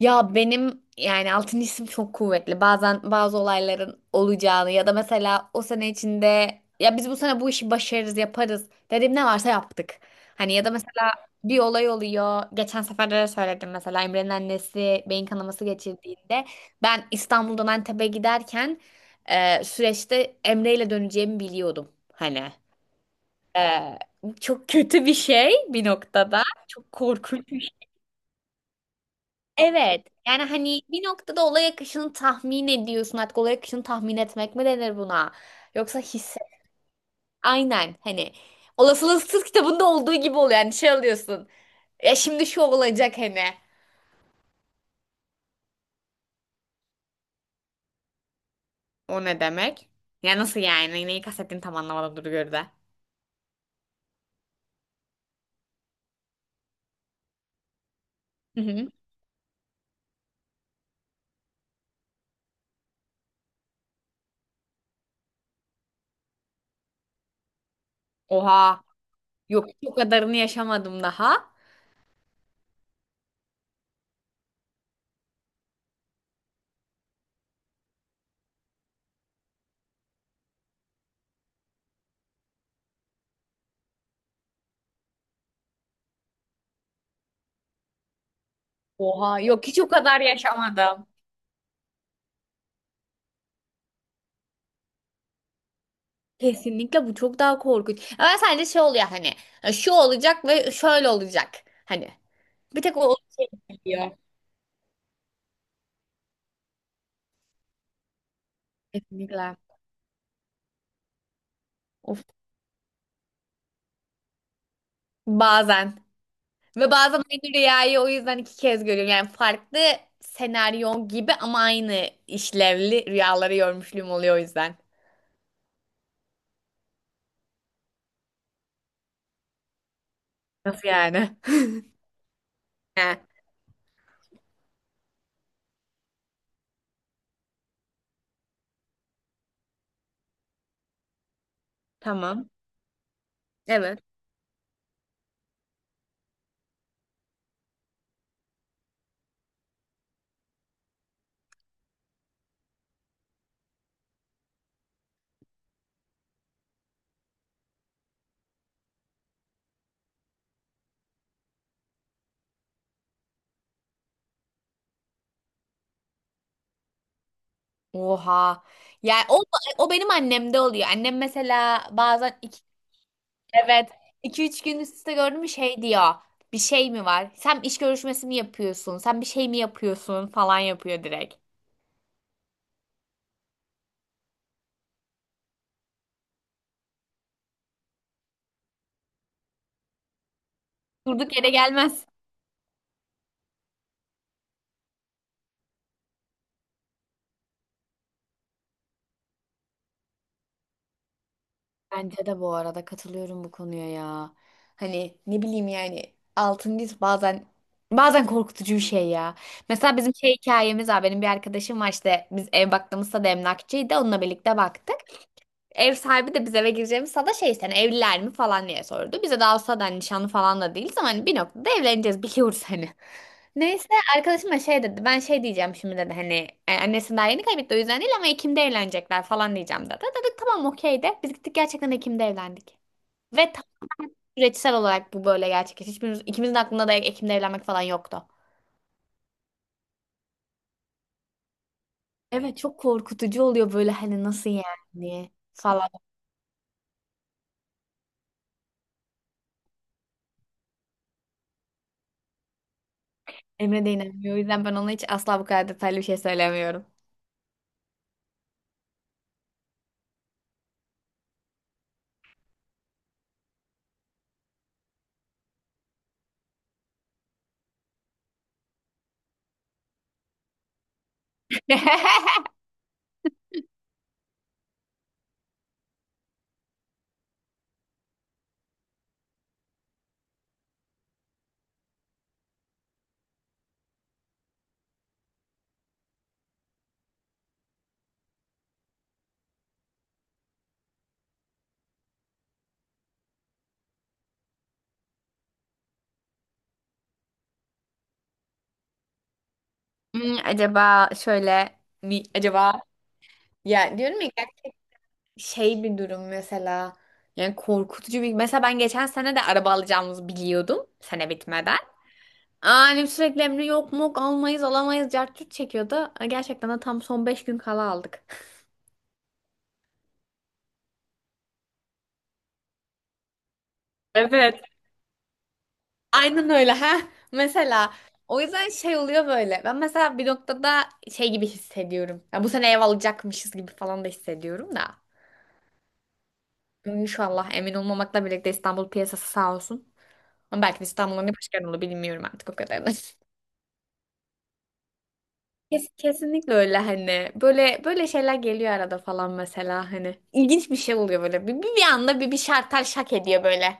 Ya benim yani altıncı isim çok kuvvetli. Bazen bazı olayların olacağını ya da mesela o sene içinde ya biz bu sene bu işi başarırız, yaparız dediğim ne varsa yaptık. Hani ya da mesela bir olay oluyor. Geçen sefer de söyledim mesela Emre'nin annesi beyin kanaması geçirdiğinde ben İstanbul'dan Antep'e giderken süreçte Emre ile döneceğimi biliyordum. Hani e, çok kötü bir şey bir noktada. Çok korkunç. Evet. Yani hani bir noktada olay akışını tahmin ediyorsun. Artık olay akışını tahmin etmek mi denir buna? Yoksa hisse. Aynen. Hani olasılıksız kitabında olduğu gibi oluyor. Yani şey alıyorsun. Ya şimdi şu olacak hani. O ne demek? Ya nasıl yani? Neyi kastettiğini tam anlamadım dur gör de. Hı hı. Oha. Yok hiç o kadarını yaşamadım daha. Oha. Yok hiç o kadar yaşamadım. Kesinlikle bu çok daha korkunç. Ama sadece şey oluyor hani. Şu olacak ve şöyle olacak. Hani. Bir tek o onu şey biliyor. Kesinlikle. Of. Bazen. Ve bazen aynı rüyayı o yüzden 2 kez görüyorum. Yani farklı senaryo gibi ama aynı işlevli rüyaları görmüşlüğüm oluyor o yüzden. Nasıl yani? He, tamam. Evet. Oha. Yani o benim annemde oluyor. Annem mesela bazen iki, evet iki üç gün üst üste gördüm mü şey diyor. Bir şey mi var? Sen iş görüşmesi mi yapıyorsun? Sen bir şey mi yapıyorsun? Falan yapıyor direkt. Durduk yere gelmez. Bence de bu arada katılıyorum bu konuya ya. Hani ne bileyim yani altın diz bazen korkutucu bir şey ya. Mesela bizim şey hikayemiz var. Benim bir arkadaşım var işte biz ev baktığımızda da emlakçıydı. Onunla birlikte baktık. Ev sahibi de biz eve gireceğimiz sana şey işte hani evliler mi falan diye sordu. Bize daha o sırada hani nişanlı falan da değiliz ama hani bir noktada evleneceğiz biliyoruz hani. Neyse arkadaşım da şey dedi, ben şey diyeceğim şimdi dedi hani, annesi daha yeni kaybetti o yüzden değil ama Ekim'de evlenecekler falan diyeceğim dedi. Dedik tamam okey de biz gittik, gerçekten Ekim'de evlendik. Ve tam süreçsel olarak bu böyle gerçekleşti. Hiçbirimiz, ikimizin aklında da Ekim'de evlenmek falan yoktu. Evet, çok korkutucu oluyor böyle hani nasıl yani falan. Emre de inanmıyor, o yüzden ben ona hiç asla bu kadar detaylı bir şey söylemiyorum. Acaba şöyle mi, acaba ya diyorum, ya gerçek şey bir durum mesela, yani korkutucu bir mesela ben geçen sene de araba alacağımızı biliyordum sene bitmeden. Annem sürekli emri yok mu, almayız alamayız cart curt çekiyordu. Gerçekten de tam son 5 gün kala aldık. Evet. Aynen öyle ha. Mesela o yüzden şey oluyor böyle. Ben mesela bir noktada şey gibi hissediyorum. Ya bu sene ev alacakmışız gibi falan da hissediyorum da. İnşallah, emin olmamakla birlikte İstanbul piyasası sağ olsun. Ama belki de İstanbul'un ne başka olur bilmiyorum artık o kadarını. Kesinlikle öyle hani. Böyle böyle şeyler geliyor arada falan mesela hani. İlginç bir şey oluyor böyle. Bir anda bir şartel şak ediyor böyle.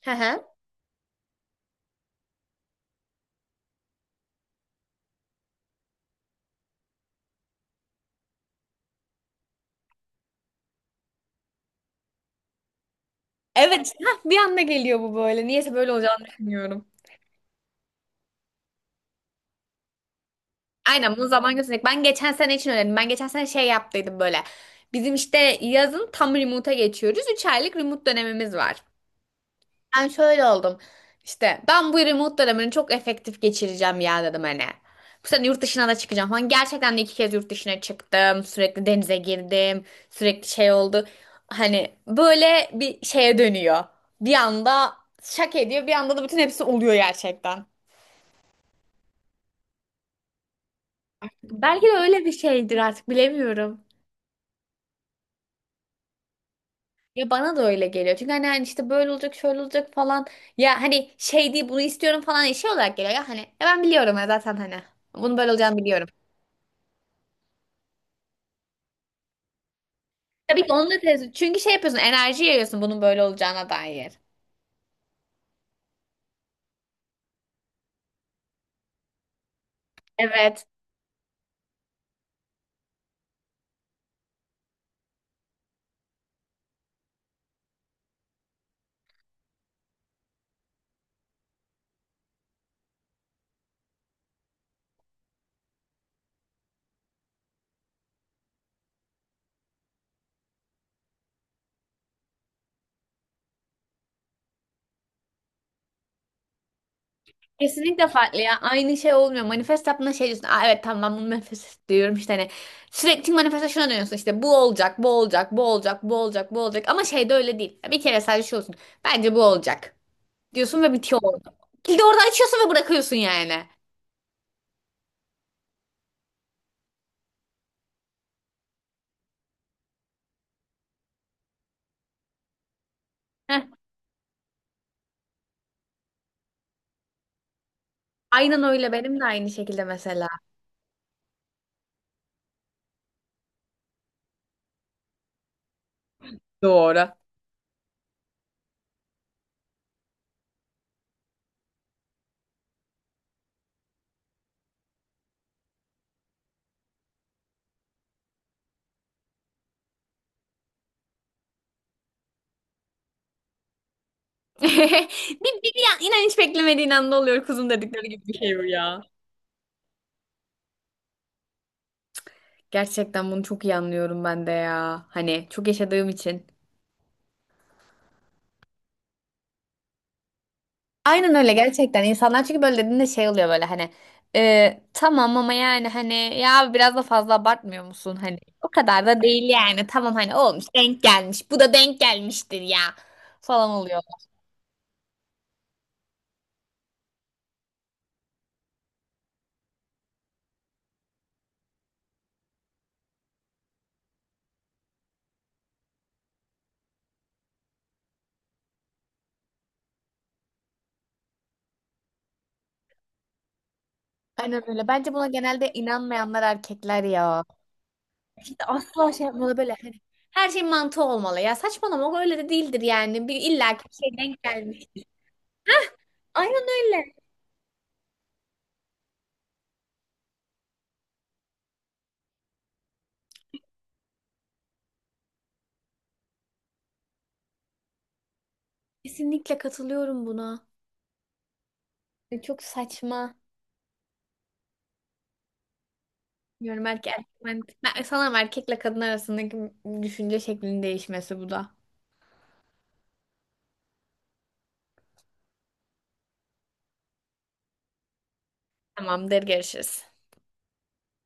Hı hı. Evet. Hah, bir anda geliyor bu böyle. Niyeyse böyle olacağını düşünüyorum. Aynen, bunu zaman gösterecek. Ben geçen sene için öğrendim. Ben geçen sene şey yaptıydım böyle. Bizim işte yazın tam remote'a geçiyoruz. 3 aylık remote dönemimiz var. Ben şöyle oldum. İşte ben bu remote dönemini çok efektif geçireceğim ya dedim hani. Bu sene yurt dışına da çıkacağım falan. Gerçekten de 2 kez yurt dışına çıktım. Sürekli denize girdim. Sürekli şey oldu. Hani böyle bir şeye dönüyor. Bir anda şak ediyor. Bir anda da bütün hepsi oluyor gerçekten. Belki de öyle bir şeydir artık, bilemiyorum. Ya bana da öyle geliyor. Çünkü hani işte böyle olacak, şöyle olacak falan. Ya hani şey değil bunu istiyorum falan, şey olarak geliyor ya hani. Ya ben biliyorum ya zaten hani. Bunun böyle olacağını biliyorum. Tabii ki onu da tez. Çünkü şey yapıyorsun, enerji yayıyorsun bunun böyle olacağına dair. Evet. Kesinlikle farklı ya. Aynı şey olmuyor. Manifest yaptığında şey diyorsun. Aa, evet tamam, ben bunu manifest diyorum işte hani. Sürekli manifeste şuna dönüyorsun, işte bu olacak, bu olacak, bu olacak, bu olacak, bu olacak. Ama şey de öyle değil. Bir kere sadece şey olsun. Bence bu olacak diyorsun ve bitiyor orada. Kilidi orada açıyorsun ve bırakıyorsun yani. Heh. Aynen öyle, benim de aynı şekilde mesela. Doğru. Bir, bir, bir an- inan hiç beklemediğin anda oluyor kuzum dedikleri gibi bir şey bu ya. Gerçekten bunu çok iyi anlıyorum ben de ya. Hani çok yaşadığım için. Aynen öyle, gerçekten insanlar çünkü böyle dediğinde şey oluyor böyle hani, tamam ama yani hani ya biraz da fazla abartmıyor musun, hani o kadar da değil yani, tamam hani olmuş denk gelmiş bu da denk gelmiştir ya falan oluyor. Aynen öyle, bence buna genelde inanmayanlar erkekler ya. İşte asla şey yapmalı böyle hani, her şey mantığı olmalı ya, saçmalama o öyle de değildir yani, bir illa ki bir şey denk gelmiştir. Aynen öyle. Kesinlikle katılıyorum buna. Çok saçma. Bilmiyorum, sanırım erkekle kadın arasındaki düşünce şeklinin değişmesi bu da. Tamamdır, görüşürüz.